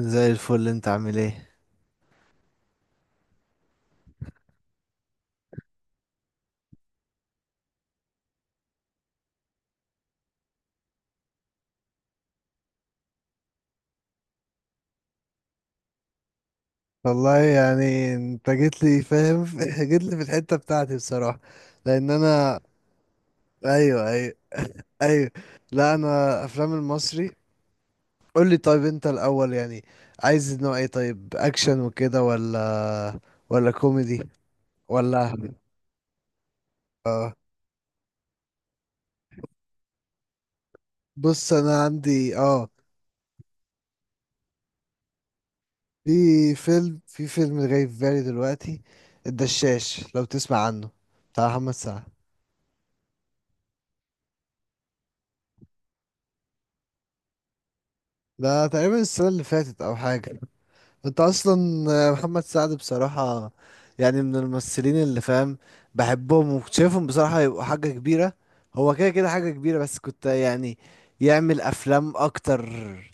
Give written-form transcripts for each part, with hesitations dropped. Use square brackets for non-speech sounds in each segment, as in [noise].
زي الفل. انت عامل ايه؟ والله يعني انت جيت لي فاهم [laughs] جيت لي في الحتة بتاعتي بصراحة، لان انا ايوه ايوه [laughs] ايوه. لا انا افلام المصري. قول لي طيب انت الاول، يعني عايز نوع ايه؟ طيب اكشن وكده ولا كوميدي؟ ولا اه بص انا عندي في في فيلم جاي في بالي دلوقتي. الدشاش لو تسمع عنه، بتاع محمد سعد. ده تقريبا السنة اللي فاتت او حاجة. انت اصلا محمد سعد بصراحة يعني من الممثلين اللي فاهم بحبهم وشايفهم بصراحة يبقوا حاجة كبيرة. هو كده كده حاجة كبيرة، بس كنت يعني يعمل افلام اكتر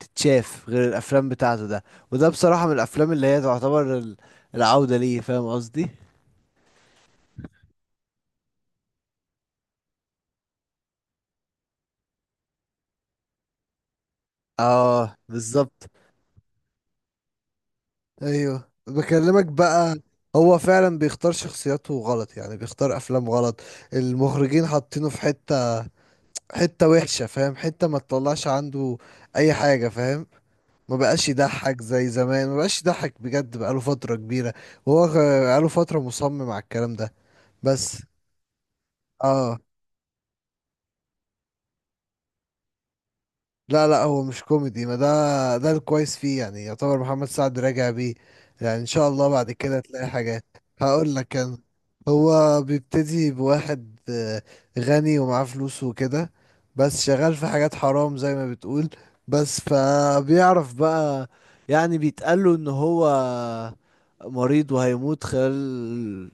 تتشاف غير الافلام بتاعته ده. وده بصراحة من الافلام اللي هي تعتبر العودة ليه، فاهم قصدي. اه بالظبط. ايوه بكلمك بقى. هو فعلا بيختار شخصياته غلط، يعني بيختار افلام غلط. المخرجين حاطينه في حتة حتة وحشة، فاهم، حتة ما تطلعش عنده أي حاجة، فاهم. ما بقاش يضحك زي زمان، ما بقاش يضحك بجد بقاله فترة كبيرة. وهو غ- بقاله فترة مصمم على الكلام ده، بس. اه لا لا هو مش كوميدي. ما ده الكويس فيه، يعني يعتبر محمد سعد راجع بيه. يعني ان شاء الله بعد كده تلاقي حاجات. هقول لك انا. هو بيبتدي بواحد غني ومعاه فلوس وكده، بس شغال في حاجات حرام زي ما بتقول. بس فبيعرف بقى، يعني بيتقاله ان هو مريض وهيموت خلال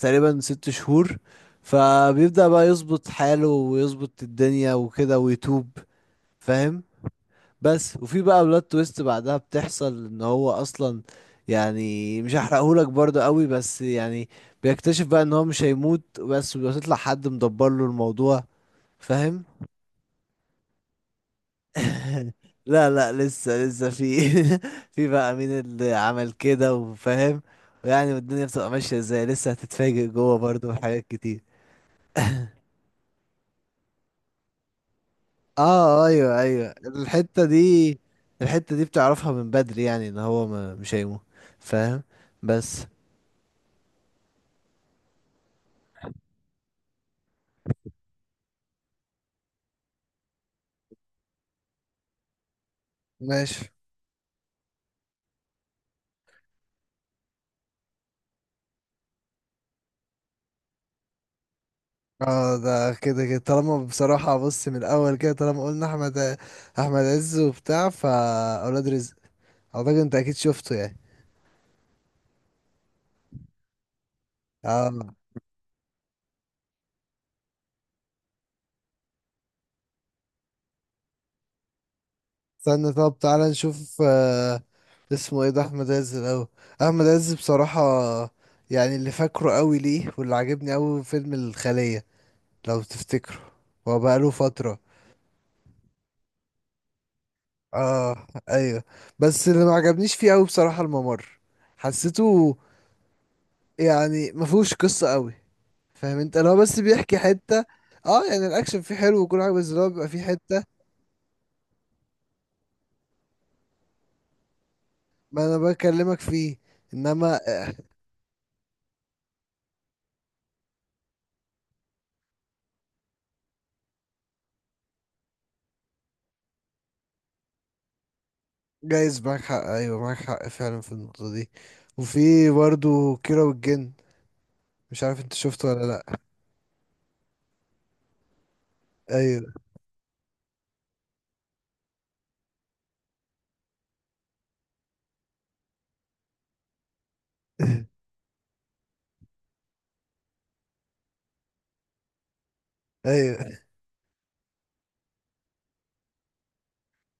تقريبا 6 شهور. فبيبدأ بقى يظبط حاله ويظبط الدنيا وكده ويتوب، فاهم. بس وفي بقى بلوت تويست بعدها بتحصل ان هو اصلا، يعني مش هحرقهولك برضه قوي بس يعني بيكتشف بقى ان هو مش هيموت، بس بيطلع حد مدبر له الموضوع، فاهم. [laughs] لا لا لسه في. [laughs] في بقى مين اللي عمل كده وفاهم، يعني الدنيا بتبقى ماشية ازاي. لسه هتتفاجئ جوه برضه بحاجات كتير. اه ايوه ايوه الحتة دي، الحتة دي بتعرفها من بدري، يعني ان هو ما مش هيموت، فاهم، بس. ماشي. اه ده كده كده طالما بصراحة بص من الأول كده طالما قلنا أحمد عز وبتاع فأولاد رزق. أعتقد أنت أكيد شفته يعني. اه استنى، طب تعالى نشوف اسمه ايه ده؟ أحمد عز الأول. أحمد عز بصراحة يعني اللي فاكره قوي ليه واللي عجبني قوي فيلم الخلية، لو تفتكره. هو بقاله فترة. اه ايوه. بس اللي ما عجبنيش فيه قوي بصراحة الممر، حسيته يعني ما فيهوش قصة قوي. فاهم انت، لو بس بيحكي حتة. اه يعني الاكشن فيه حلو وكل حاجة، بس اللي هو بيبقى فيه حتة. ما انا بكلمك فيه، انما جايز معاك حق، ايوه معاك حق فعلا في النقطة دي. وفي برضه كيرة والجن، مش عارف انت شفته ولا لا. ايوه [laughs] ايوه.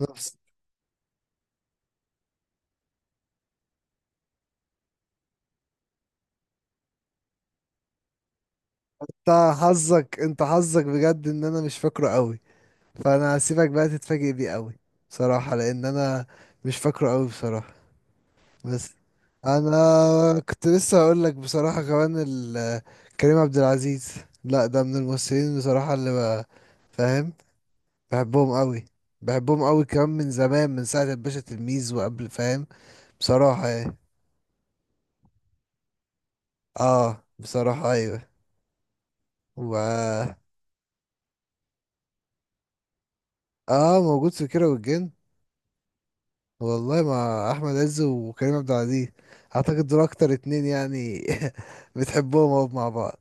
نفس. انت حظك، انت حظك بجد ان انا مش فاكره قوي، فانا هسيبك بقى تتفاجئ بيه قوي. صراحة لان انا مش فاكره قوي بصراحة، بس. انا كنت لسه هقول لك بصراحه كمان كريم عبد العزيز. لا ده من الممثلين بصراحه فاهم، بحبهم قوي. بحبهم قوي كمان من زمان، من ساعه الباشا تلميذ وقبل، فاهم. بصراحه يعني. اه بصراحه ايوه. و اه موجود في كيرة والجن. والله مع احمد عز وكريم عبد العزيز، اعتقد دول اكتر اتنين يعني [laughs] بتحبهم أوي مع بعض.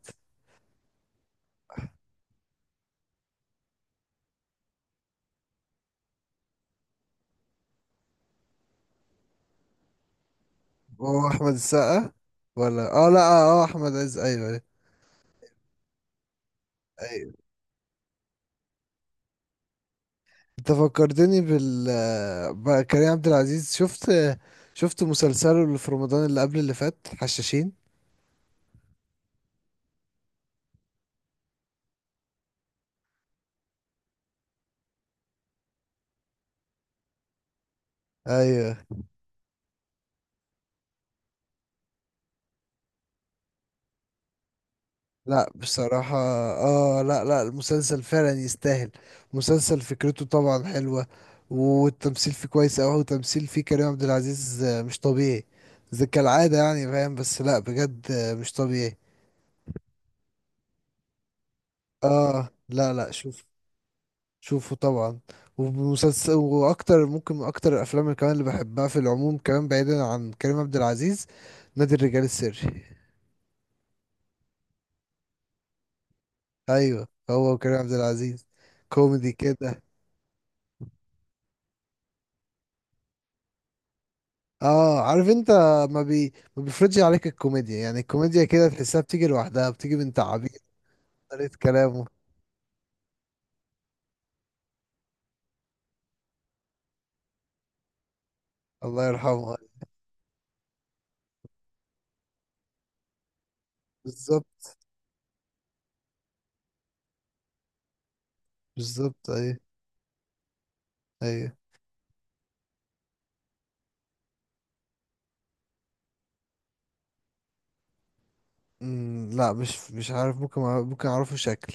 هو احمد السقا ولا اه لا اه آه، احمد عز، ايوه. أيوة. انت فكرتني بقى كريم عبد العزيز. شفت مسلسله اللي في رمضان اللي قبل اللي فات، حشاشين. ايوه لا بصراحة. اه لا لا المسلسل فعلا يستاهل. مسلسل فكرته طبعا حلوة، والتمثيل فيه كويس اوي. وتمثيل فيه كريم عبد العزيز مش طبيعي، زي كالعادة يعني، فاهم. بس لا بجد مش طبيعي. اه لا لا شوف، شوفه طبعا. ومسلسل، واكتر ممكن اكتر الافلام كمان اللي بحبها في العموم، كمان بعيدا عن كريم عبد العزيز، نادي الرجال السري. ايوه، هو وكريم عبد العزيز، كوميدي كده. اه عارف انت، ما بيفرضش عليك الكوميديا، يعني الكوميديا كده تحسها بتيجي لوحدها، بتيجي من تعابير، طريقة كلامه. الله يرحمه. بالظبط. بالظبط ايوه. ايوه. لا مش عارف، ممكن ممكن اعرفه شكل.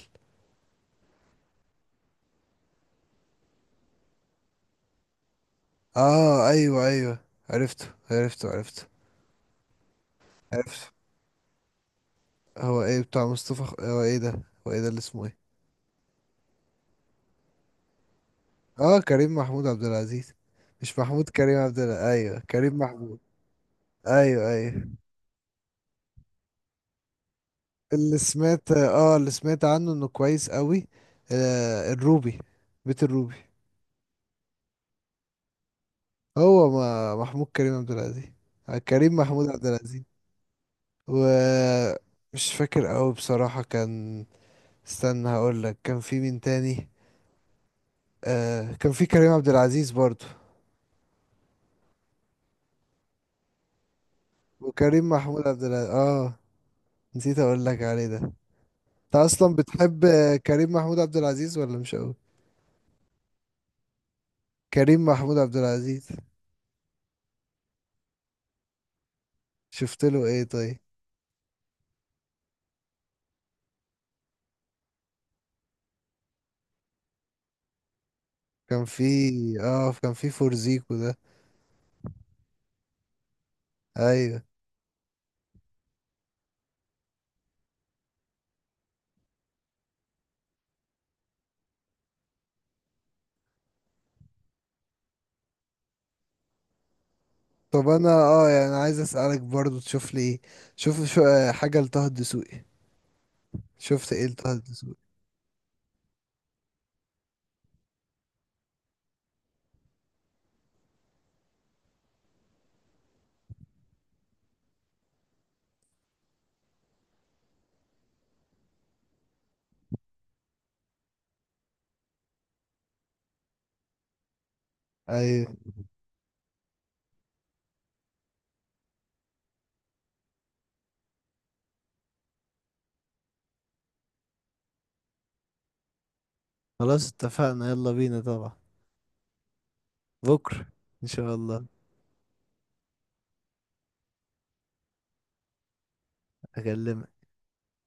اه ايوه ايوه، عرفته عرفته. عرفته عرفته. هو ايه بتاع مصطفى هو ايه ده، اللي اسمه ايه؟ اه كريم محمود عبد العزيز. مش محمود كريم عبد الع... ايوه كريم محمود. ايوه ايوه. اللي سمعت عنه انه كويس قوي. الروبي، بيت الروبي. هو ما محمود كريم عبد العزيز، كريم محمود عبد العزيز. ومش فاكر قوي بصراحة، كان. استنى هقول لك، كان في مين تاني. كان في كريم عبد العزيز برضو. وكريم محمود عبد العزيز، اه، نسيت اقول لك عليه ده. انت اصلا بتحب كريم محمود عبد العزيز ولا مش قوي؟ كريم محمود عبد العزيز. شفت له ايه طيب؟ كان في اه كان في فورزيكو ده. ايوه. طب انا يعني عايز اسالك برضو تشوف لي ايه. شوف شو آه، حاجه لطه الدسوقي. شفت ايه لطه الدسوقي؟ ايوه. خلاص اتفقنا، يلا بينا طبعا. بكره، ان شاء الله. اكلمك.